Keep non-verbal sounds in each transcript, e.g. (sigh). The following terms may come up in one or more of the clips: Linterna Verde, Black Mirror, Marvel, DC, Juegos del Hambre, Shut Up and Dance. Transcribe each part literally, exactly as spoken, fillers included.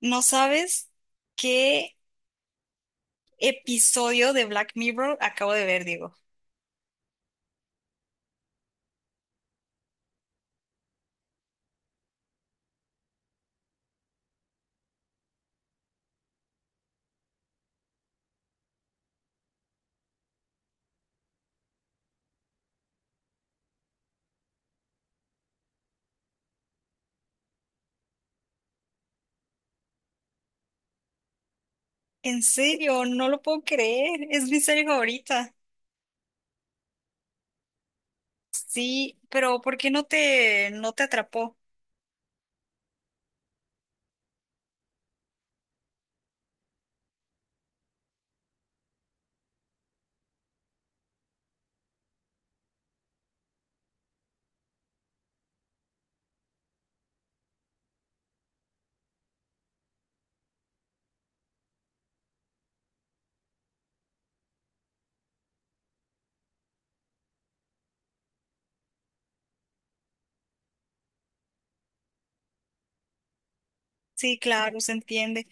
No sabes qué episodio de Black Mirror acabo de ver, Diego. En serio, no lo puedo creer. Es mi serie favorita. Sí, pero ¿por qué no te, no te atrapó? Sí, claro, se entiende.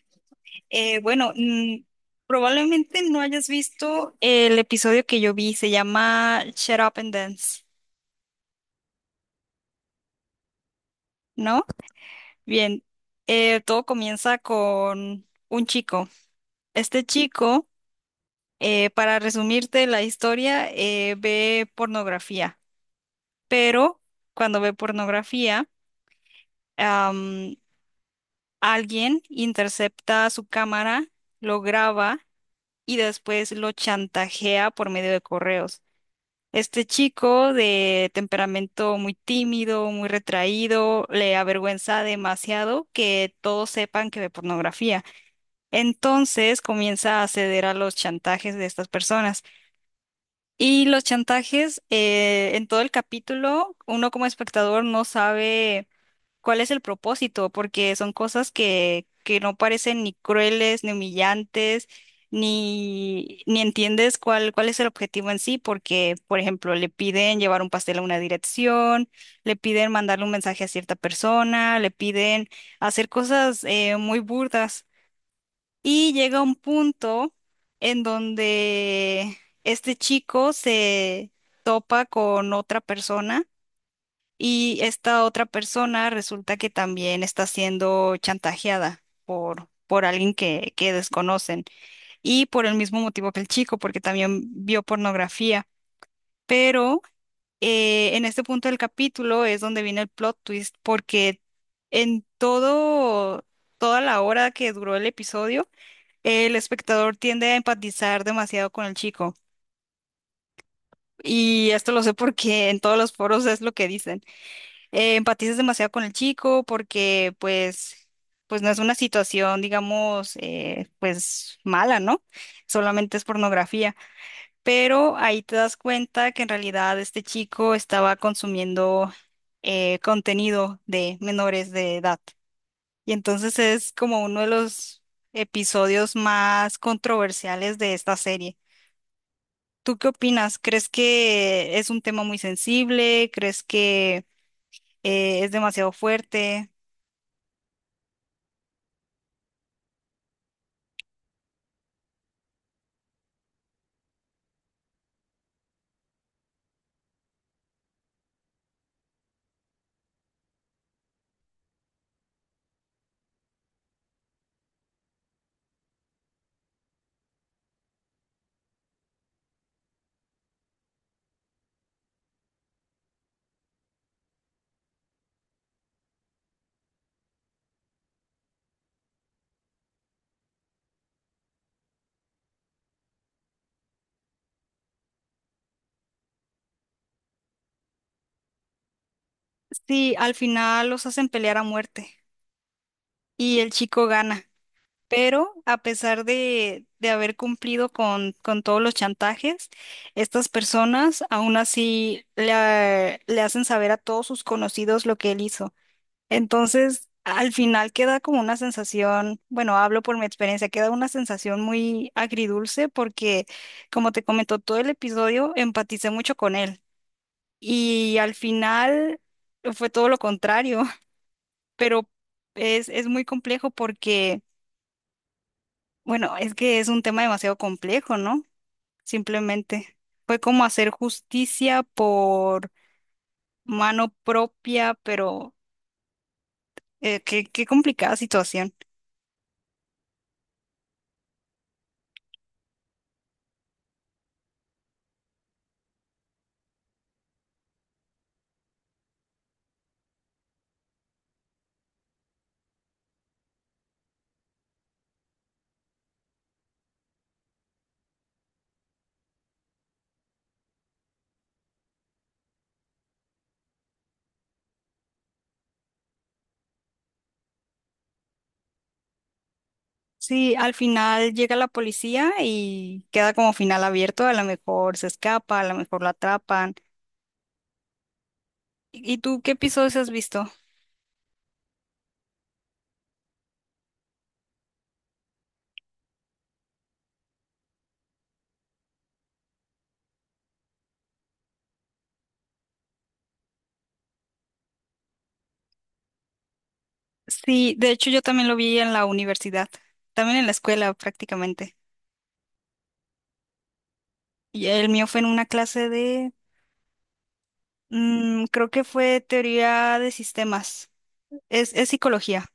Eh, bueno, mm, Probablemente no hayas visto el episodio que yo vi. Se llama Shut Up and Dance, ¿no? Bien, eh, todo comienza con un chico. Este chico Eh, para resumirte la historia, eh, ve pornografía, pero cuando ve pornografía, am, alguien intercepta su cámara, lo graba y después lo chantajea por medio de correos. Este chico de temperamento muy tímido, muy retraído, le avergüenza demasiado que todos sepan que ve pornografía. Entonces comienza a ceder a los chantajes de estas personas. Y los chantajes, eh, en todo el capítulo, uno como espectador no sabe cuál es el propósito, porque son cosas que, que no parecen ni crueles, ni humillantes, ni, ni entiendes cuál, cuál es el objetivo en sí, porque, por ejemplo, le piden llevar un pastel a una dirección, le piden mandarle un mensaje a cierta persona, le piden hacer cosas eh, muy burdas. Y llega un punto en donde este chico se topa con otra persona y esta otra persona resulta que también está siendo chantajeada por, por alguien que, que desconocen y por el mismo motivo que el chico, porque también vio pornografía. Pero eh, en este punto del capítulo es donde viene el plot twist, porque en todo, toda la hora que duró el episodio, el espectador tiende a empatizar demasiado con el chico. Y esto lo sé porque en todos los foros es lo que dicen. Eh, empatizas demasiado con el chico porque pues, pues no es una situación, digamos, eh, pues mala, ¿no? Solamente es pornografía. Pero ahí te das cuenta que en realidad este chico estaba consumiendo eh, contenido de menores de edad. Y entonces es como uno de los episodios más controversiales de esta serie. ¿Tú qué opinas? ¿Crees que es un tema muy sensible? ¿Crees que eh, es demasiado fuerte? Sí, al final los hacen pelear a muerte y el chico gana. Pero a pesar de, de haber cumplido con, con todos los chantajes, estas personas aún así le, le hacen saber a todos sus conocidos lo que él hizo. Entonces, al final queda como una sensación, bueno, hablo por mi experiencia, queda una sensación muy agridulce porque, como te comentó todo el episodio, empaticé mucho con él. Y al final fue todo lo contrario, (laughs) pero es, es muy complejo porque, bueno, es que es un tema demasiado complejo, ¿no? Simplemente fue como hacer justicia por mano propia, pero Eh, qué, qué complicada situación. Sí, al final llega la policía y queda como final abierto. A lo mejor se escapa, a lo mejor lo atrapan. ¿Y y tú qué episodios has visto? Sí, de hecho yo también lo vi en la universidad, también en la escuela prácticamente. Y el mío fue en una clase de, mm, creo que fue teoría de sistemas. Es, es psicología,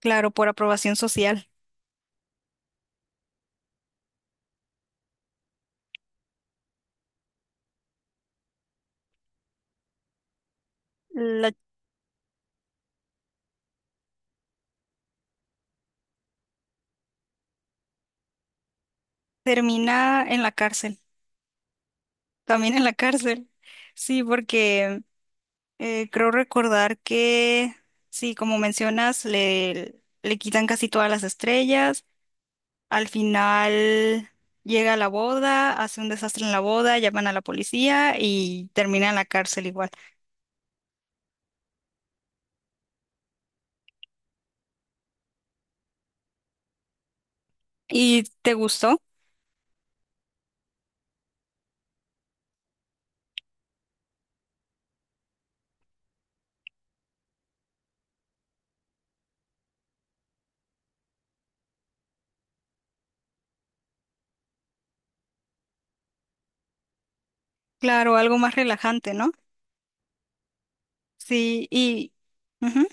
claro, por aprobación social. La Termina en la cárcel, también en la cárcel. Sí, porque eh, creo recordar que, sí, como mencionas, le, le quitan casi todas las estrellas. Al final llega a la boda, hace un desastre en la boda, llaman a la policía y termina en la cárcel igual. ¿Y te gustó? Claro, algo más relajante, ¿no? Sí, y ujú.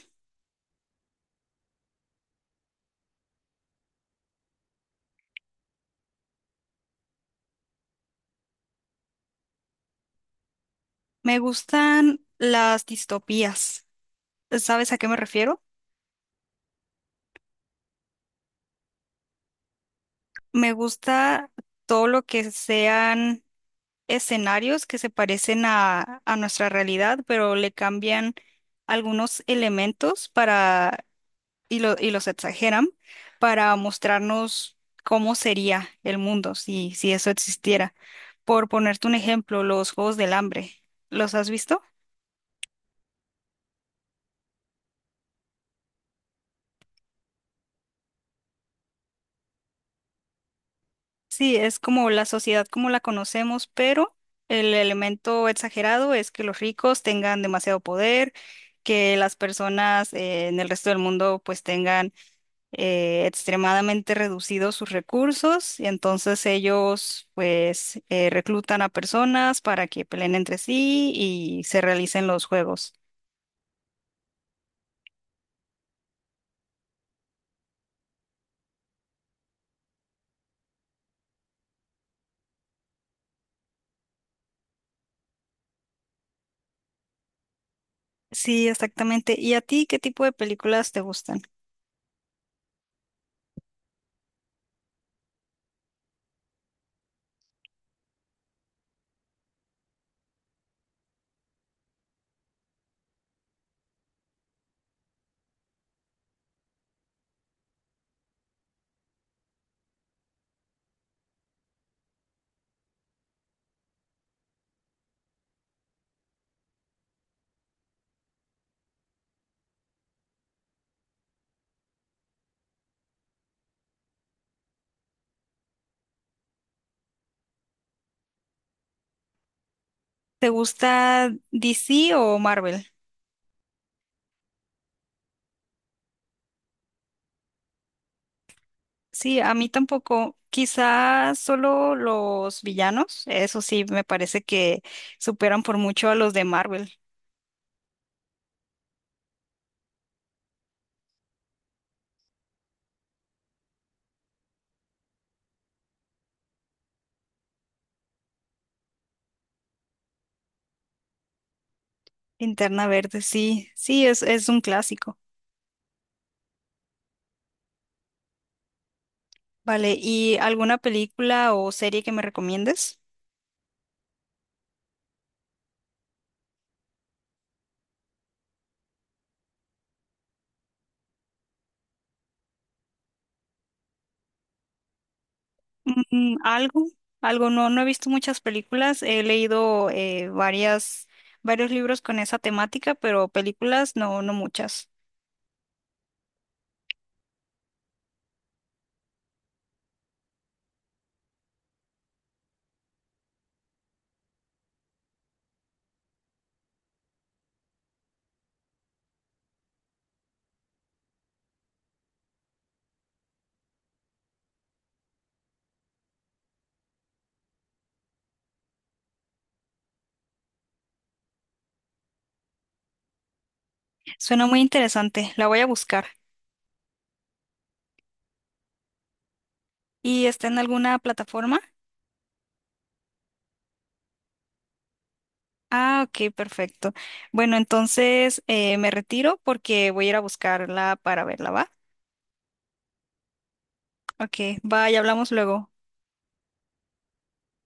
Me gustan las distopías. ¿Sabes a qué me refiero? Me gusta todo lo que sean escenarios que se parecen a, a nuestra realidad, pero le cambian algunos elementos para, y, lo- y los exageran para mostrarnos cómo sería el mundo si, si eso existiera. Por ponerte un ejemplo, los Juegos del Hambre, ¿los has visto? Sí, es como la sociedad como la conocemos, pero el elemento exagerado es que los ricos tengan demasiado poder, que las personas eh, en el resto del mundo pues tengan eh, extremadamente reducidos sus recursos y entonces ellos pues eh, reclutan a personas para que peleen entre sí y se realicen los juegos. Sí, exactamente. ¿Y a ti qué tipo de películas te gustan? ¿Te gusta D C o Marvel? Sí, a mí tampoco. Quizás solo los villanos, eso sí, me parece que superan por mucho a los de Marvel. Linterna Verde, sí, sí, es, es un clásico. Vale, ¿y alguna película o serie que me recomiendes? Mm, algo, algo, no, no he visto muchas películas, he leído eh, varias, varios libros con esa temática, pero películas no, no muchas. Suena muy interesante, la voy a buscar. ¿Y está en alguna plataforma? Ah, ok, perfecto. Bueno, entonces eh, me retiro porque voy a ir a buscarla para verla, ¿va? Ok, bye, hablamos luego.